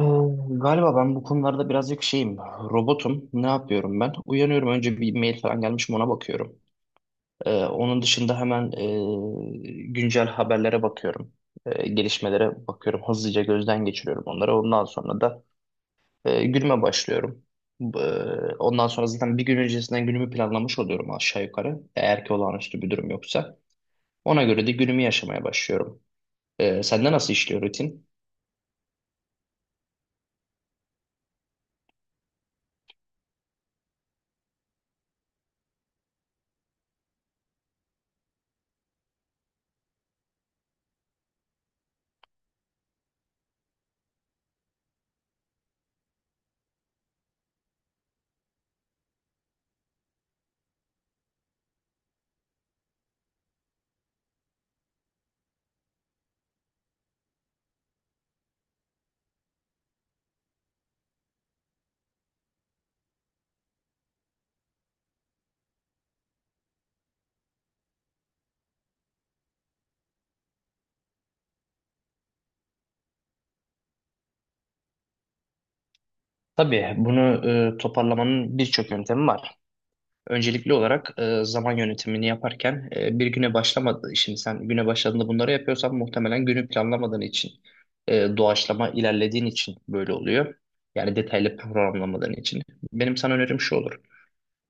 Ee, Galiba ben bu konularda birazcık robotum. Ne yapıyorum ben? Uyanıyorum, önce bir mail falan gelmiş mi ona bakıyorum. Onun dışında hemen güncel haberlere bakıyorum. Gelişmelere bakıyorum. Hızlıca gözden geçiriyorum onları. Ondan sonra da günüme başlıyorum. Ee, Ondan sonra zaten bir gün öncesinden günümü planlamış oluyorum aşağı yukarı, eğer ki olağanüstü bir durum yoksa. Ona göre de günümü yaşamaya başlıyorum. Sende nasıl işliyor rutin? Tabii bunu toparlamanın birçok yöntemi var. Öncelikli olarak zaman yönetimini yaparken bir güne başlamadı. Şimdi sen güne başladığında bunları yapıyorsan muhtemelen günü planlamadığın için, doğaçlama ilerlediğin için böyle oluyor. Yani detaylı programlamadığın için. Benim sana önerim şu olur.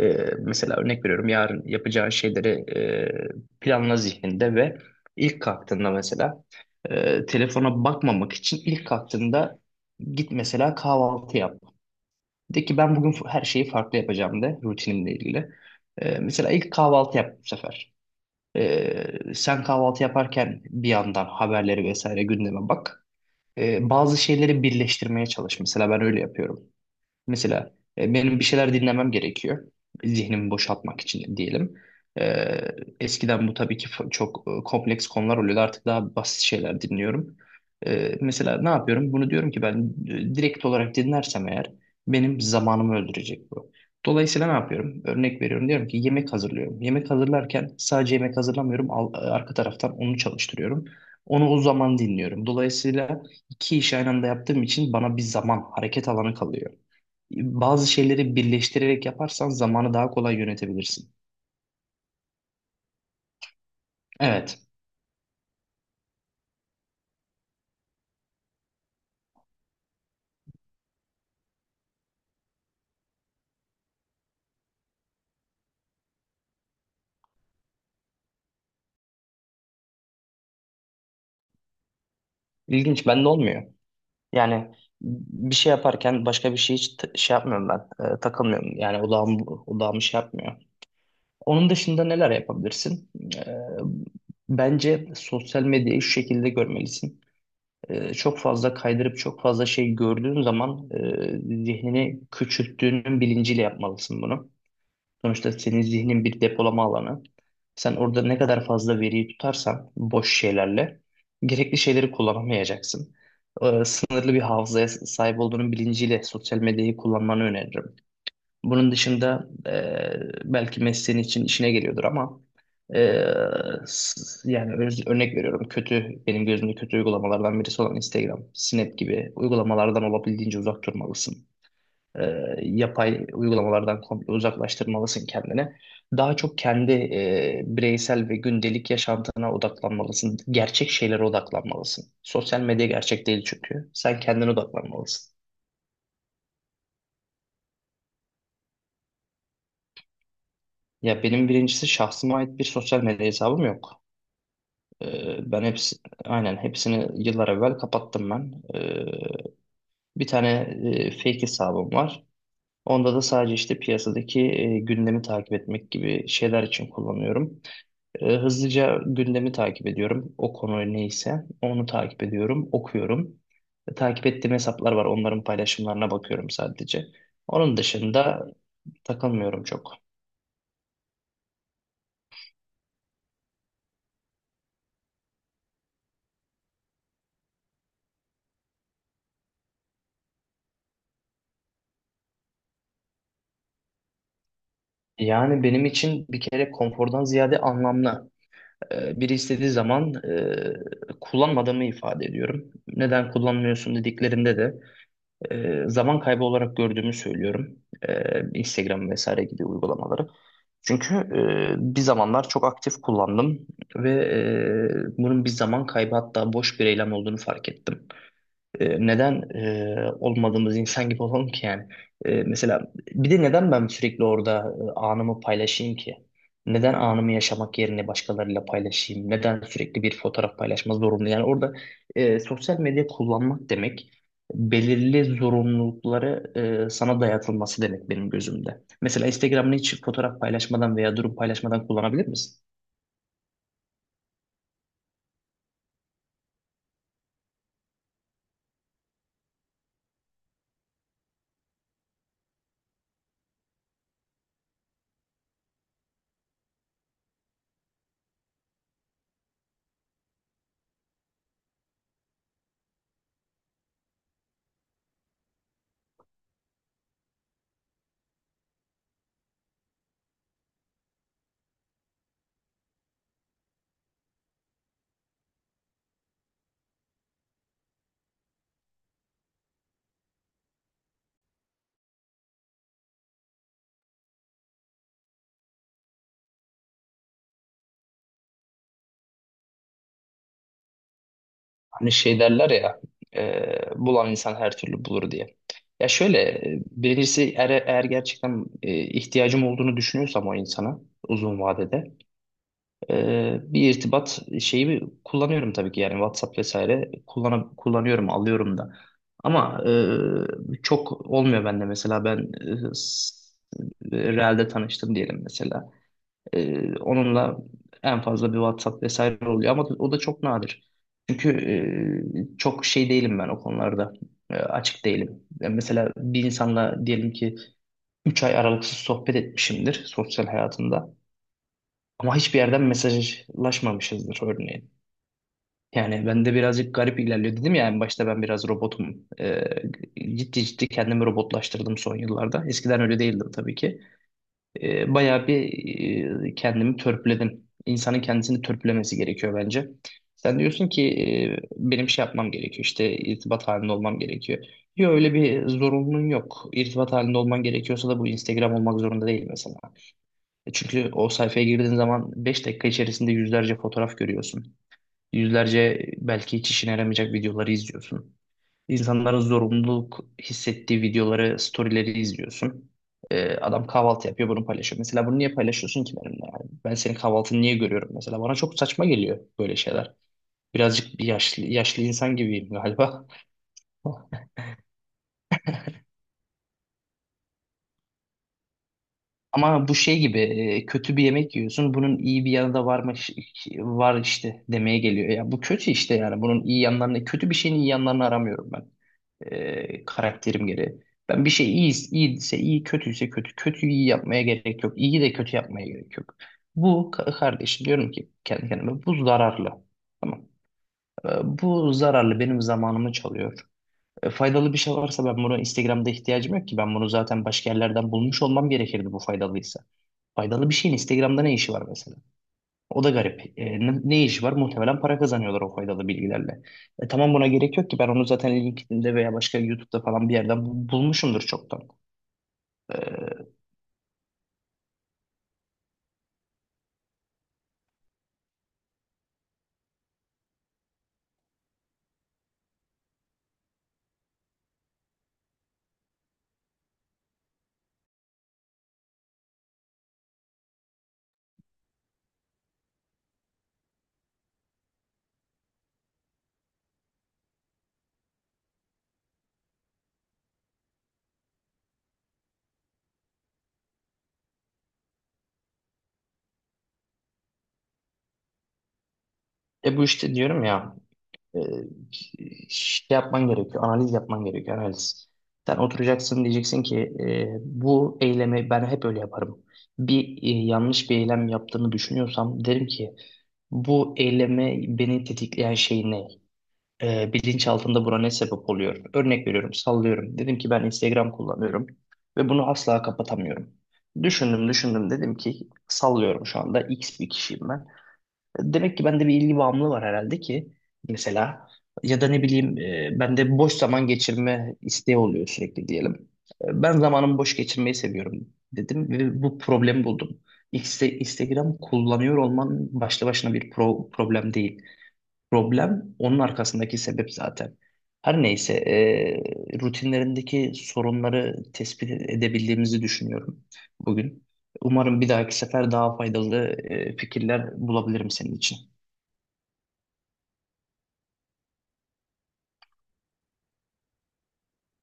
E, Mesela örnek veriyorum, yarın yapacağın şeyleri planla zihninde ve ilk kalktığında, mesela telefona bakmamak için ilk kalktığında git mesela kahvaltı yap. De ki ben bugün her şeyi farklı yapacağım, de rutinimle ilgili. Mesela ilk kahvaltı yap bu sefer. Sen kahvaltı yaparken bir yandan haberleri vesaire, gündeme bak. Bazı şeyleri birleştirmeye çalış. Mesela ben öyle yapıyorum. Mesela benim bir şeyler dinlemem gerekiyor. Zihnimi boşaltmak için diyelim. E, Eskiden bu tabii ki çok kompleks konular oluyordu. Artık daha basit şeyler dinliyorum. Mesela ne yapıyorum? Bunu diyorum ki ben direkt olarak dinlersem eğer benim zamanımı öldürecek bu. Dolayısıyla ne yapıyorum? Örnek veriyorum. Diyorum ki yemek hazırlıyorum. Yemek hazırlarken sadece yemek hazırlamıyorum. Arka taraftan onu çalıştırıyorum. Onu o zaman dinliyorum. Dolayısıyla iki işi aynı anda yaptığım için bana bir zaman, hareket alanı kalıyor. Bazı şeyleri birleştirerek yaparsan zamanı daha kolay yönetebilirsin. Evet, ilginç. Bende olmuyor. Yani bir şey yaparken başka bir şey hiç şey yapmıyorum ben. Takılmıyorum. Yani odağımı şey yapmıyor. Onun dışında neler yapabilirsin? E, Bence sosyal medyayı şu şekilde görmelisin. Çok fazla kaydırıp çok fazla şey gördüğün zaman zihnini küçülttüğünün bilinciyle yapmalısın bunu. Sonuçta senin zihnin bir depolama alanı. Sen orada ne kadar fazla veriyi tutarsan boş şeylerle gerekli şeyleri kullanamayacaksın. Sınırlı bir hafızaya sahip olduğunun bilinciyle sosyal medyayı kullanmanı öneririm. Bunun dışında belki mesleğin için işine geliyordur ama e, yani örnek veriyorum, kötü, benim gözümde kötü uygulamalardan birisi olan Instagram, Snap gibi uygulamalardan olabildiğince uzak durmalısın, e, yapay uygulamalardan komple uzaklaştırmalısın kendini. Daha çok kendi bireysel ve gündelik yaşantına odaklanmalısın. Gerçek şeylere odaklanmalısın. Sosyal medya gerçek değil çünkü. Sen kendine odaklanmalısın. Ya benim birincisi şahsıma ait bir sosyal medya hesabım yok. E, ben hepsi, aynen hepsini yıllar evvel kapattım ben. Bir tane fake hesabım var. Onda da sadece işte piyasadaki gündemi takip etmek gibi şeyler için kullanıyorum. Hızlıca gündemi takip ediyorum. O konu neyse onu takip ediyorum, okuyorum. Takip ettiğim hesaplar var. Onların paylaşımlarına bakıyorum sadece. Onun dışında takılmıyorum çok. Yani benim için bir kere konfordan ziyade anlamlı. Biri istediği zaman kullanmadığımı ifade ediyorum. Neden kullanmıyorsun dediklerinde de zaman kaybı olarak gördüğümü söylüyorum. Instagram vesaire gibi uygulamaları. Çünkü bir zamanlar çok aktif kullandım ve bunun bir zaman kaybı, hatta boş bir eylem olduğunu fark ettim. Neden olmadığımız insan gibi olalım ki yani? Mesela bir de neden ben sürekli orada anımı paylaşayım ki? Neden anımı yaşamak yerine başkalarıyla paylaşayım? Neden sürekli bir fotoğraf paylaşma zorunlu? Yani orada sosyal medya kullanmak demek belirli zorunlulukları sana dayatılması demek benim gözümde. Mesela Instagram'ını hiç fotoğraf paylaşmadan veya durum paylaşmadan kullanabilir misin? Hani şey derler ya, bulan insan her türlü bulur diye. Ya şöyle, birincisi eğer gerçekten ihtiyacım olduğunu düşünüyorsam o insana, uzun vadede bir irtibat şeyi kullanıyorum tabii ki, yani WhatsApp vesaire kullanıyorum, alıyorum da. Ama çok olmuyor bende. Mesela ben e, s- Real'de tanıştım diyelim mesela. Onunla en fazla bir WhatsApp vesaire oluyor, ama o da çok nadir. Çünkü çok şey değilim ben o konularda. Açık değilim. Mesela bir insanla diyelim ki 3 ay aralıksız sohbet etmişimdir sosyal hayatımda. Ama hiçbir yerden mesajlaşmamışızdır örneğin. Yani ben de birazcık garip ilerliyor, dedim ya en başta, ben biraz robotum. Ciddi ciddi kendimi robotlaştırdım son yıllarda. Eskiden öyle değildim tabii ki. Bayağı bir kendimi törpüledim. İnsanın kendisini törpülemesi gerekiyor bence. Sen diyorsun ki benim şey yapmam gerekiyor, işte irtibat halinde olmam gerekiyor. Yok öyle bir zorunluluğun yok. İrtibat halinde olman gerekiyorsa da bu Instagram olmak zorunda değil mesela. Çünkü o sayfaya girdiğin zaman 5 dakika içerisinde yüzlerce fotoğraf görüyorsun. Yüzlerce belki hiç işine yaramayacak videoları izliyorsun. İnsanların zorunluluk hissettiği videoları, storyleri izliyorsun. Adam kahvaltı yapıyor, bunu paylaşıyor. Mesela bunu niye paylaşıyorsun ki benimle? Yani ben senin kahvaltını niye görüyorum mesela? Bana çok saçma geliyor böyle şeyler. Birazcık bir yaşlı insan gibiyim galiba. Ama bu şey gibi, kötü bir yemek yiyorsun. Bunun iyi bir yanı da varmış, var işte demeye geliyor. Ya bu kötü işte yani. Bunun iyi yanlarını, kötü bir şeyin iyi yanlarını aramıyorum ben. Karakterim gereği. Ben bir şey iyi, iyiyse iyi, kötüyse kötü. Kötüyü iyi yapmaya gerek yok. İyi de kötü yapmaya gerek yok. Bu kardeşim, diyorum ki kendi kendime, bu zararlı. Tamam. E, Bu zararlı benim zamanımı çalıyor. Faydalı bir şey varsa ben bunu Instagram'da, ihtiyacım yok ki. Ben bunu zaten başka yerlerden bulmuş olmam gerekirdi bu faydalıysa. Faydalı bir şeyin Instagram'da ne işi var mesela? O da garip. Ne işi var? Muhtemelen para kazanıyorlar o faydalı bilgilerle. Tamam, buna gerek yok ki. Ben onu zaten LinkedIn'de veya başka YouTube'da falan bir yerden bulmuşumdur çoktan. E, e bu işte Diyorum ya, e, şey yapman gerekiyor. Analiz yapman gerekiyor. Analiz. Sen oturacaksın, diyeceksin ki bu eylemi ben hep öyle yaparım. Bir yanlış bir eylem yaptığımı düşünüyorsam derim ki, bu eylemi beni tetikleyen şey ne? Bilinçaltında buna ne sebep oluyor? Örnek veriyorum, sallıyorum. Dedim ki ben Instagram kullanıyorum ve bunu asla kapatamıyorum. Düşündüm. Dedim ki sallıyorum, şu anda X bir kişiyim ben. Demek ki bende bir ilgi bağımlılığı var herhalde ki, mesela, ya da ne bileyim, bende boş zaman geçirme isteği oluyor sürekli diyelim. Ben zamanımı boş geçirmeyi seviyorum dedim ve bu problemi buldum. Instagram kullanıyor olman başlı başına bir problem değil. Problem onun arkasındaki sebep zaten. Her neyse, rutinlerindeki sorunları tespit edebildiğimizi düşünüyorum bugün. Umarım bir dahaki sefer daha faydalı fikirler bulabilirim senin için.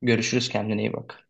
Görüşürüz, kendine iyi bak.